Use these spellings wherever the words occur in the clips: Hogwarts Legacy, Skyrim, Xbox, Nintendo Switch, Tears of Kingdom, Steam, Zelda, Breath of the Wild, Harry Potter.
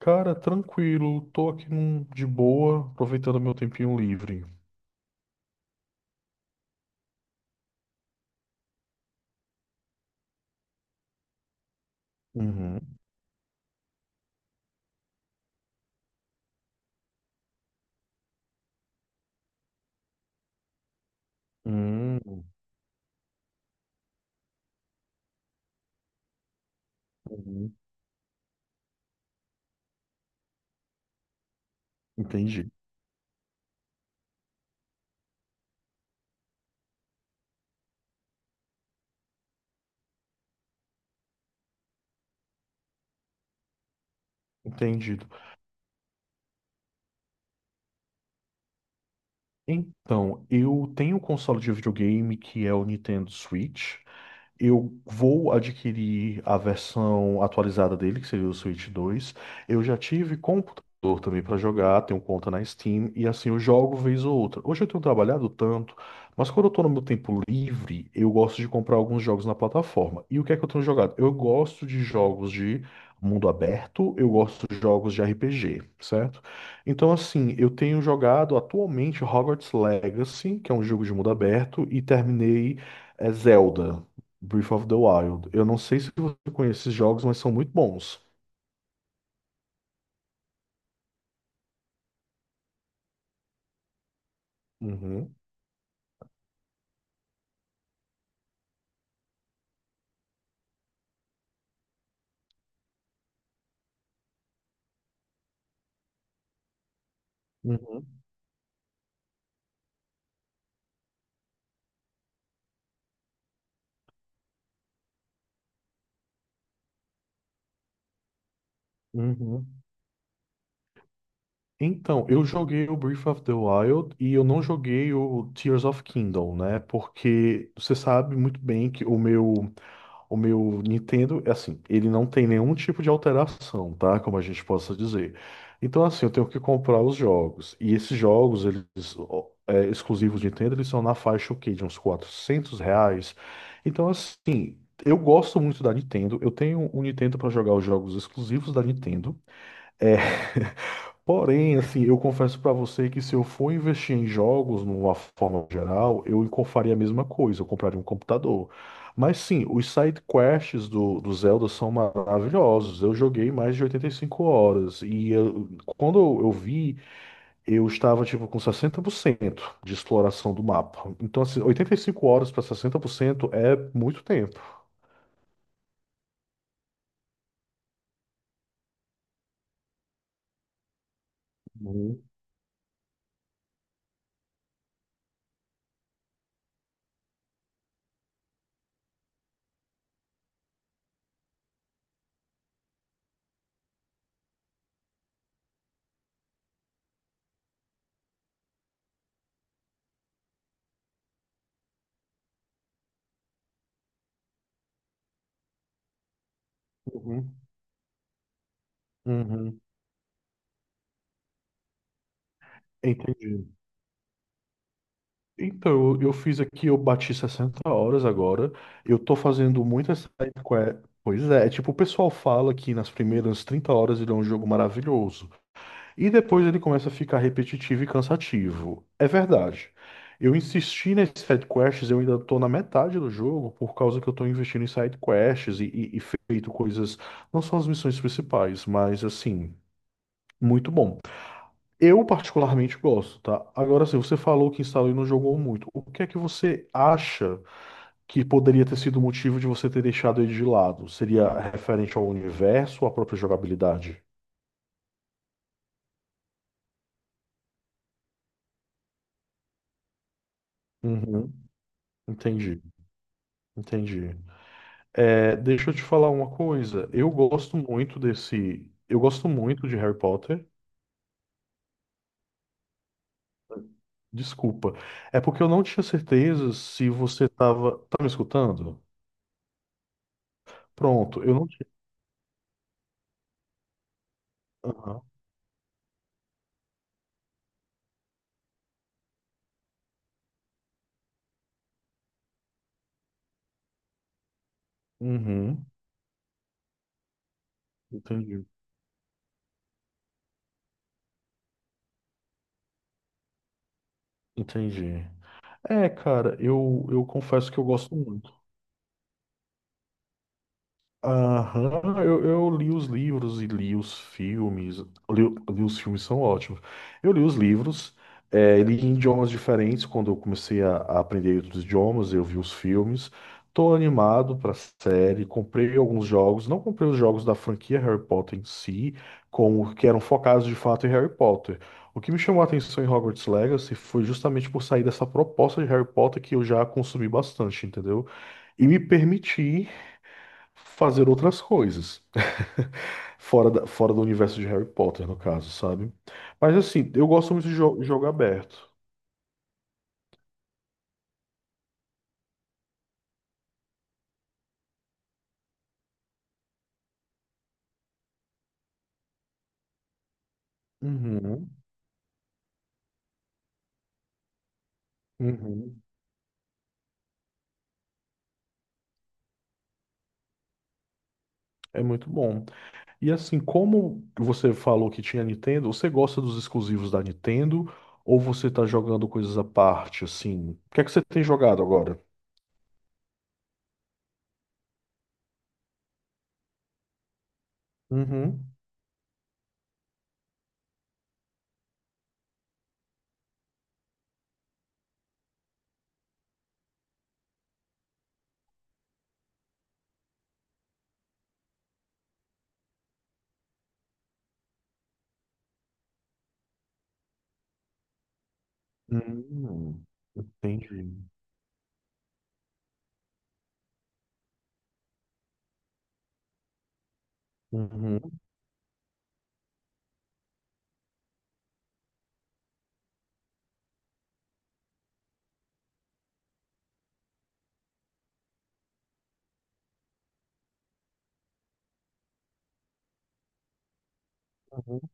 Cara, tranquilo, tô aqui de boa, aproveitando meu tempinho livre. Uhum. Hum, uhum. Entendi, entendido. Então, eu tenho um console de videogame que é o Nintendo Switch. Eu vou adquirir a versão atualizada dele, que seria o Switch 2. Eu já tive computador também para jogar, tenho conta na Steam, e assim eu jogo vez ou outra. Hoje eu tenho trabalhado tanto, mas quando eu tô no meu tempo livre, eu gosto de comprar alguns jogos na plataforma. E o que é que eu tenho jogado? Eu gosto de jogos de mundo aberto, eu gosto de jogos de RPG, certo? Então, assim, eu tenho jogado atualmente Hogwarts Legacy, que é um jogo de mundo aberto, e terminei Zelda. Breath of the Wild. Eu não sei se você conhece esses jogos, mas são muito bons. Uhum, uhum, uhum. Então, eu joguei o Breath of the Wild e eu não joguei o Tears of Kingdom, né? Porque você sabe muito bem que o meu. O meu Nintendo, é assim, ele não tem nenhum tipo de alteração, tá? Como a gente possa dizer. Então, assim, eu tenho que comprar os jogos. E esses jogos, eles, ó, exclusivos de Nintendo, eles são na faixa, o quê? De uns R$ 400. Então, assim, eu gosto muito da Nintendo. Eu tenho um Nintendo para jogar os jogos exclusivos da Nintendo. É, Porém, assim, eu confesso pra você que se eu for investir em jogos, numa forma geral, eu faria a mesma coisa, eu compraria um computador. Mas sim, os side quests do Zelda são maravilhosos. Eu joguei mais de 85 horas quando eu vi, eu estava tipo com 60% de exploração do mapa. Então, assim, 85 horas para 60% é muito tempo. Uhum, uhum, uhum. Entendi. Então, eu fiz aqui, eu bati 60 horas agora. Eu tô fazendo muitas Pois é, tipo, o pessoal fala que nas primeiras 30 horas ele é um jogo maravilhoso. E depois ele começa a ficar repetitivo e cansativo. É verdade. Eu insisti nas side quests, eu ainda tô na metade do jogo, por causa que eu tô investindo em side quests e feito coisas, não são as missões principais, mas assim, muito bom. Eu particularmente gosto, tá? Agora, se você falou que instalou e não jogou muito, o que é que você acha que poderia ter sido o motivo de você ter deixado ele de lado? Seria referente ao universo ou à própria jogabilidade? Uhum, entendi, entendi. É, deixa eu te falar uma coisa. Eu gosto muito desse. Eu gosto muito de Harry Potter. Desculpa. É porque eu não tinha certeza se você tava. Tá me escutando? Pronto, eu não tinha. Aham. Uhum, entendi. Entendi. É, cara, eu confesso que eu gosto muito. Aham, eu li os livros e li os filmes. Li, li os filmes são ótimos. Eu li os livros, li em idiomas diferentes. Quando eu comecei a aprender outros idiomas, eu vi os filmes. Tô animado pra série. Comprei alguns jogos. Não comprei os jogos da franquia Harry Potter em si, como que eram focados de fato em Harry Potter. O que me chamou a atenção em Hogwarts Legacy foi justamente por sair dessa proposta de Harry Potter que eu já consumi bastante, entendeu? E me permitir fazer outras coisas. Fora do universo de Harry Potter, no caso, sabe? Mas assim, eu gosto muito de jogo aberto. Uhum, uhum. É muito bom. E assim, como você falou que tinha Nintendo, você gosta dos exclusivos da Nintendo ou você tá jogando coisas à parte, assim? O que é que você tem jogado agora? Uhum. Hum, entendi. Uhum, uhum,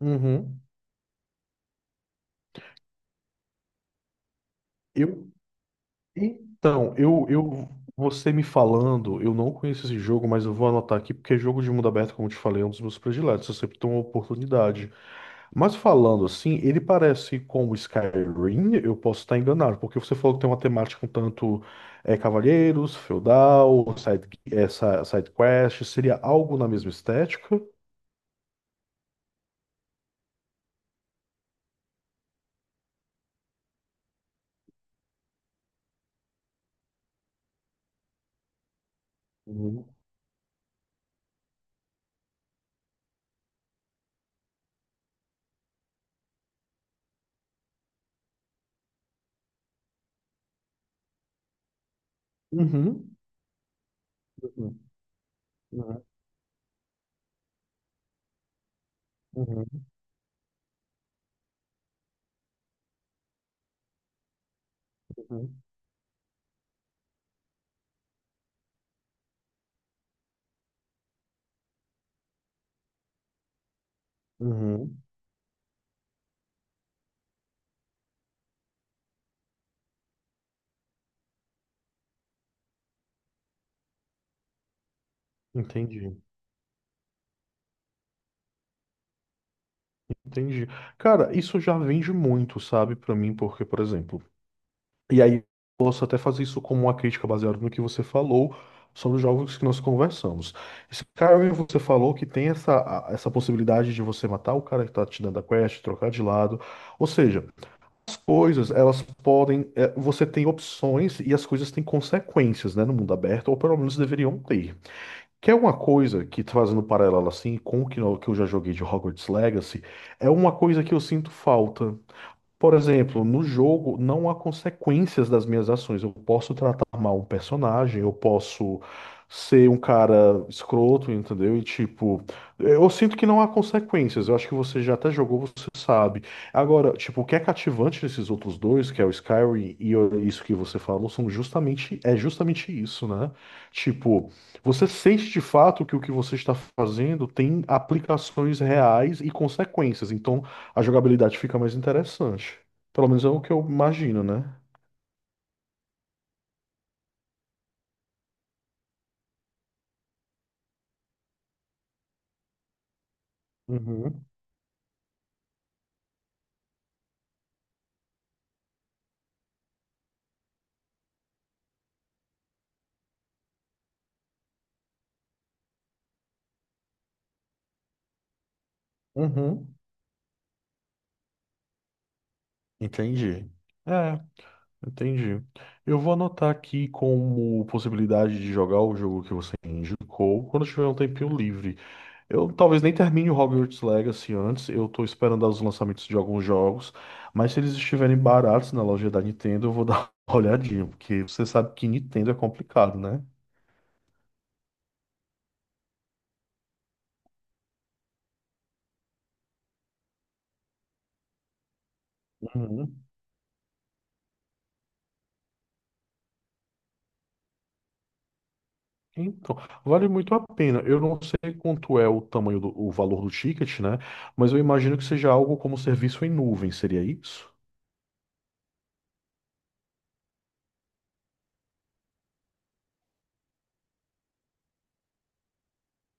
uhum. Eu Então, você me falando, eu não conheço esse jogo, mas eu vou anotar aqui, porque jogo de mundo aberto, como eu te falei, é um dos meus prediletos, eu sempre tenho uma oportunidade. Mas falando assim, ele parece com o Skyrim, eu posso estar enganado, porque você falou que tem uma temática um tanto cavalheiros, feudal, side quest, seria algo na mesma estética? Uhum. Uhum. Uhum. Uhum. Uhum. Uhum. Entendi. Entendi. Cara, isso já vende muito, sabe, pra mim, porque, por exemplo, e aí eu posso até fazer isso como uma crítica baseada no que você falou sobre os jogos que nós conversamos. Skyrim, você falou que tem essa possibilidade de você matar o cara que tá te dando a quest, trocar de lado. Ou seja, as coisas, elas podem, você tem opções e as coisas têm consequências, né, no mundo aberto, ou pelo menos deveriam ter. Que é uma coisa que, fazendo um paralelo assim com o que que eu já joguei de Hogwarts Legacy, é uma coisa que eu sinto falta. Por exemplo, no jogo não há consequências das minhas ações. Eu posso tratar mal um personagem, eu posso ser um cara escroto, entendeu? E tipo, eu sinto que não há consequências. Eu acho que você já até jogou, você sabe. Agora, tipo, o que é cativante nesses outros dois, que é o Skyrim isso que você falou, são justamente isso, né? Tipo, você sente de fato que o que você está fazendo tem aplicações reais e consequências. Então, a jogabilidade fica mais interessante. Pelo menos é o que eu imagino, né? Uhum, uhum. Entendi. É, entendi. Eu vou anotar aqui como possibilidade de jogar o jogo que você indicou quando eu tiver um tempinho livre. Eu talvez nem termine o Hogwarts Legacy antes, eu tô esperando os lançamentos de alguns jogos, mas se eles estiverem baratos na loja da Nintendo, eu vou dar uma olhadinha, porque você sabe que Nintendo é complicado, né? Uhum. Então, vale muito a pena. Eu não sei quanto é o tamanho do, o valor do ticket, né? Mas eu imagino que seja algo como serviço em nuvem, seria isso?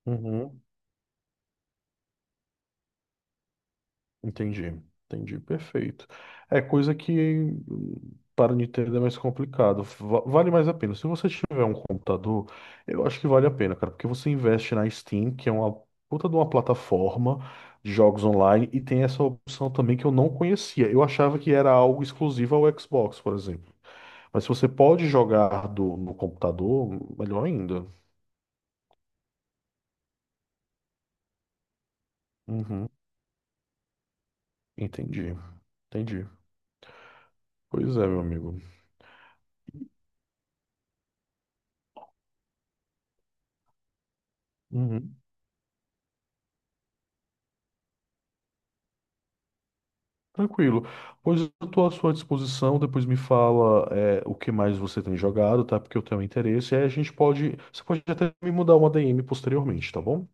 Uhum. Entendi, entendi, perfeito. É coisa que hum, para Nintendo é mais complicado. Vale mais a pena. Se você tiver um computador, eu acho que vale a pena, cara, porque você investe na Steam, que é uma puta de uma plataforma de jogos online, e tem essa opção também que eu não conhecia. Eu achava que era algo exclusivo ao Xbox, por exemplo. Mas se você pode jogar do, no computador, melhor ainda. Uhum, entendi, entendi. Pois é, meu amigo. Uhum, tranquilo. Pois eu estou à sua disposição. Depois me fala, o que mais você tem jogado, tá? Porque eu tenho interesse. E aí a gente pode. Você pode até me mudar uma DM posteriormente, tá bom?